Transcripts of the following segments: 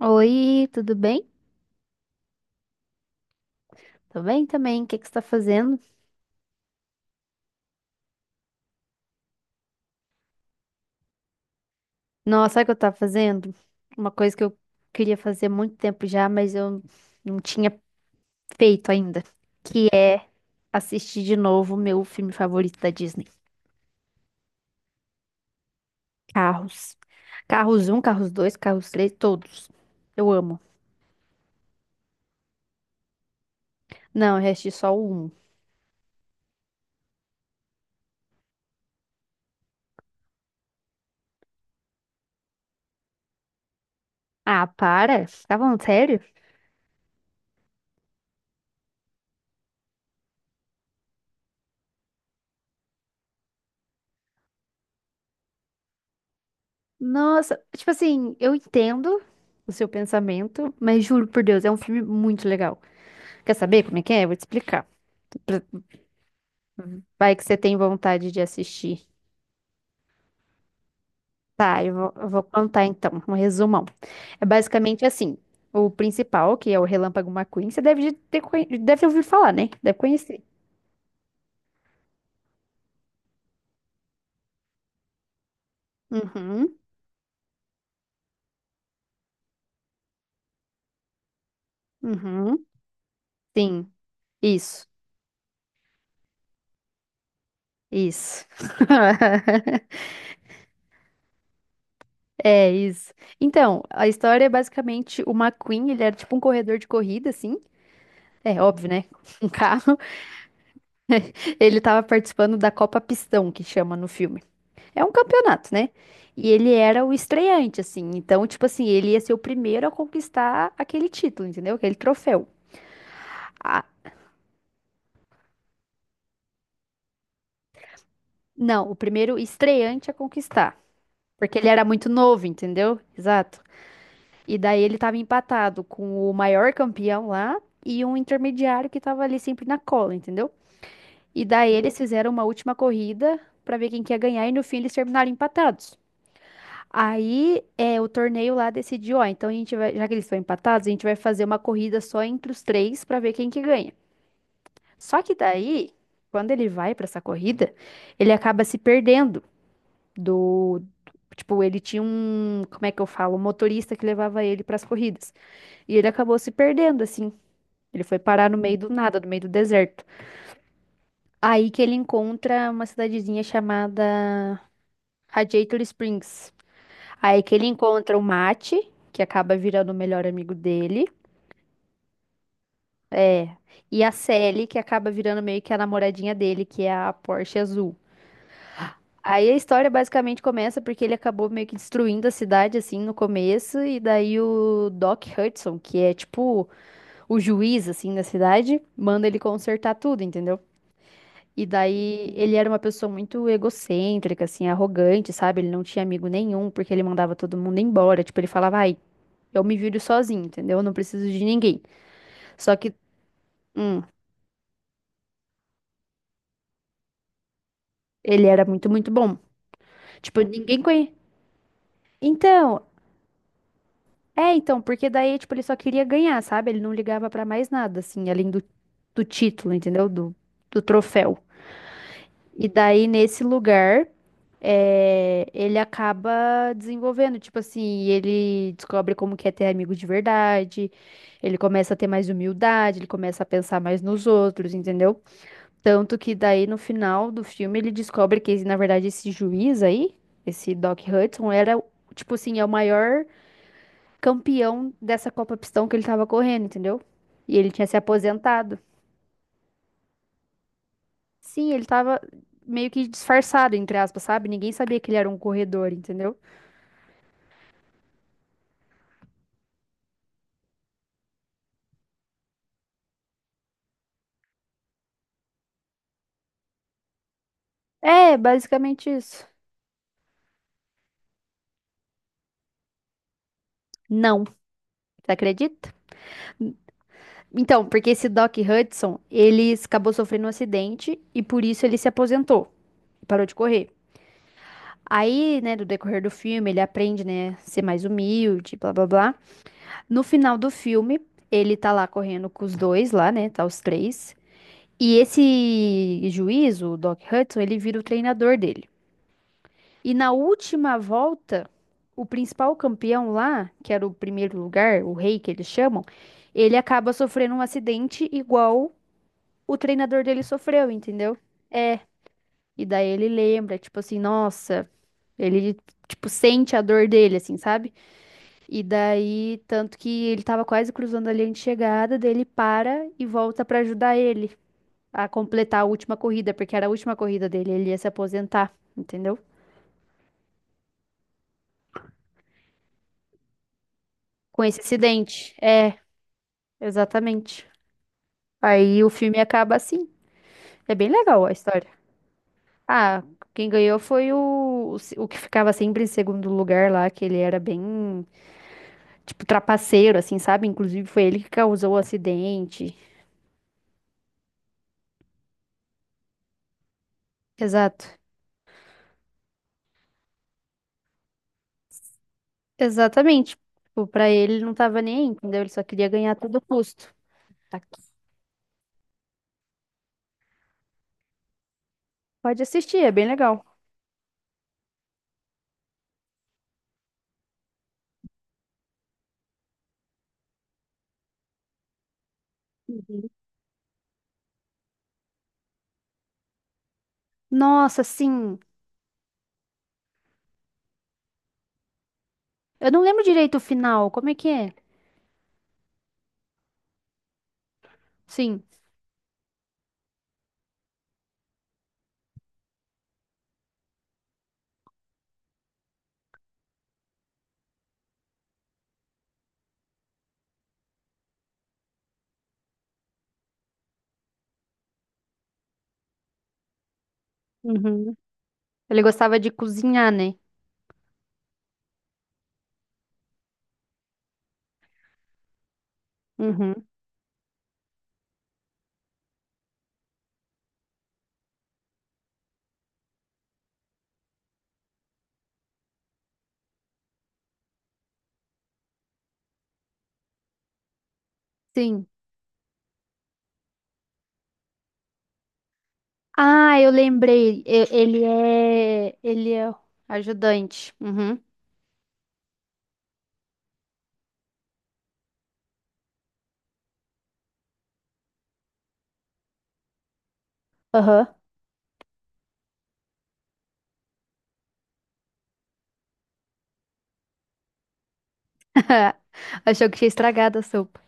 Oi, tudo bem? Tô bem também. O que que você tá fazendo? Nossa, sabe o que eu tava fazendo? Uma coisa que eu queria fazer há muito tempo já, mas eu não tinha feito ainda, que é assistir de novo o meu filme favorito da Disney, Carros. Carros um, Carros 2, Carros 3, todos. Eu amo. Não, eu assisti só o 1. Ah, para? Tá falando sério? Nossa, tipo assim, eu entendo o seu pensamento, mas juro por Deus, é um filme muito legal. Quer saber como é que é? Eu vou te explicar. Vai que você tem vontade de assistir. Tá, eu vou contar então, um resumão. É basicamente assim: o principal, que é o Relâmpago McQueen, você deve ouvir falar, né? Deve conhecer. Uhum, uhum, sim, isso, isso. É isso. Então, a história é basicamente o McQueen, ele era tipo um corredor de corrida, assim. É óbvio, né? Um carro. Ele tava participando da Copa Pistão, que chama no filme. É um campeonato, né? E ele era o estreante, assim. Então, tipo assim, ele ia ser o primeiro a conquistar aquele título, entendeu? Aquele troféu. Ah, não, o primeiro estreante a conquistar. Porque ele era muito novo, entendeu? Exato. E daí ele tava empatado com o maior campeão lá e um intermediário que tava ali sempre na cola, entendeu? E daí eles fizeram uma última corrida pra ver quem que ia ganhar e no fim eles terminaram empatados. Aí é, o torneio lá decidiu, ó, então a gente vai, já que eles estão empatados, a gente vai fazer uma corrida só entre os três pra ver quem que ganha. Só que daí, quando ele vai pra essa corrida, ele acaba se perdendo do, tipo, ele tinha um, como é que eu falo, um motorista que levava ele pras corridas. E ele acabou se perdendo assim. Ele foi parar no meio do nada, no meio do deserto. Aí que ele encontra uma cidadezinha chamada Radiator Springs. Aí que ele encontra o Mate, que acaba virando o melhor amigo dele. É. E a Sally, que acaba virando meio que a namoradinha dele, que é a Porsche azul. Aí a história basicamente começa porque ele acabou meio que destruindo a cidade, assim, no começo. E daí o Doc Hudson, que é tipo o juiz, assim, da cidade, manda ele consertar tudo, entendeu? E daí ele era uma pessoa muito egocêntrica, assim, arrogante, sabe? Ele não tinha amigo nenhum, porque ele mandava todo mundo embora. Tipo, ele falava, ai, eu me viro sozinho, entendeu? Eu não preciso de ninguém. Só que, hum, ele era muito, muito bom. Tipo, ninguém conhe... Então, é, então, porque daí, tipo, ele só queria ganhar, sabe? Ele não ligava pra mais nada, assim, além do, do título, entendeu? Do, do troféu. E daí, nesse lugar, é, ele acaba desenvolvendo, tipo assim, ele descobre como que é ter amigo de verdade, ele começa a ter mais humildade, ele começa a pensar mais nos outros, entendeu? Tanto que daí no final do filme ele descobre que, na verdade, esse juiz aí, esse Doc Hudson, era, tipo assim, é o maior campeão dessa Copa Pistão que ele tava correndo, entendeu? E ele tinha se aposentado. Sim, ele tava meio que disfarçado, entre aspas, sabe? Ninguém sabia que ele era um corredor, entendeu? É, basicamente isso. Não, você acredita? Então, porque esse Doc Hudson, ele acabou sofrendo um acidente e por isso ele se aposentou, e parou de correr. Aí, né, do decorrer do filme, ele aprende, né, ser mais humilde, blá blá blá. No final do filme, ele tá lá correndo com os dois lá, né, tá os três. E esse juiz, o Doc Hudson, ele vira o treinador dele. E na última volta, o principal campeão lá, que era o primeiro lugar, o rei que eles chamam, ele acaba sofrendo um acidente igual o treinador dele sofreu, entendeu? É. E daí ele lembra, tipo assim, nossa, ele, tipo, sente a dor dele, assim, sabe? E daí, tanto que ele tava quase cruzando a linha de chegada, daí ele para e volta pra ajudar ele a completar a última corrida, porque era a última corrida dele, ele ia se aposentar, entendeu? Com esse acidente. É, exatamente. Aí o filme acaba assim. É bem legal a história. Ah, quem ganhou foi o, se- o que ficava sempre em segundo lugar lá, que ele era bem, tipo, trapaceiro, assim, sabe? Inclusive foi ele que causou o acidente. Exato. Exatamente. Tipo, pra ele ele não tava nem aí, entendeu? Ele só queria ganhar a todo custo. Tá aqui. Pode assistir, é bem legal. Uhum. Nossa, sim. Eu não lembro direito o final. Como é que é? Sim. Uhum. Ele gostava de cozinhar, né? Uhum. Sim. Ah, eu lembrei. E- Ele é. Ele é ajudante. Uhum. Aham. Achou que tinha estragado a sopa.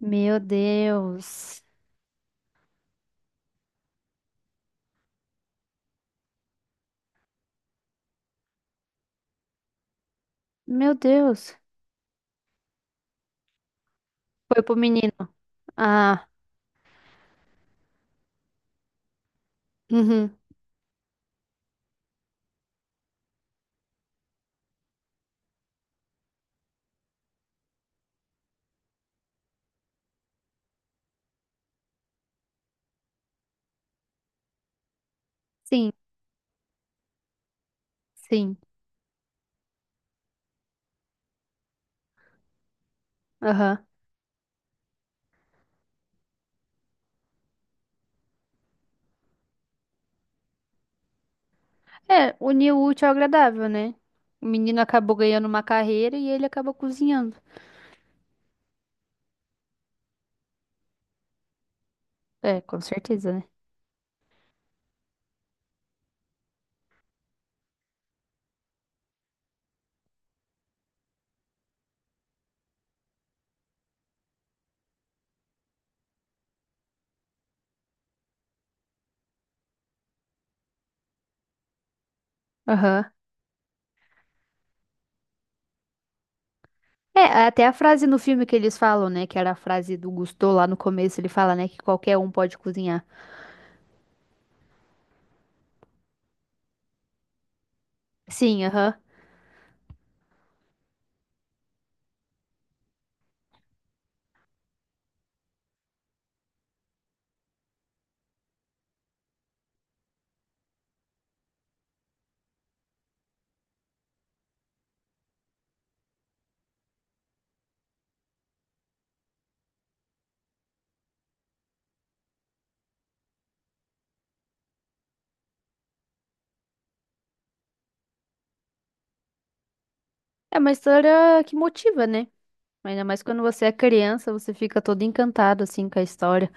Meu Deus. Meu Deus. Foi pro menino. Ah. Uhum. Sim. Sim, aham. É, uniu o útil ao agradável, né? O menino acabou ganhando uma carreira e ele acabou cozinhando. É, com certeza, né? Aham. É, até a frase no filme que eles falam, né? Que era a frase do Gusteau lá no começo, ele fala, né? Que qualquer um pode cozinhar. Sim, aham. É uma história que motiva, né? Ainda mais quando você é criança, você fica todo encantado, assim, com a história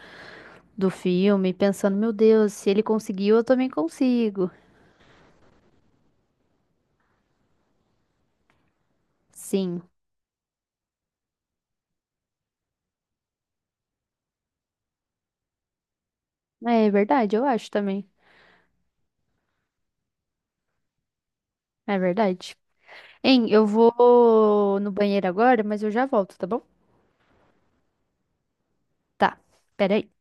do filme, pensando, meu Deus, se ele conseguiu, eu também consigo. Sim. É verdade, eu acho também. É verdade. Hein, eu vou no banheiro agora, mas eu já volto, tá bom? Tá, peraí.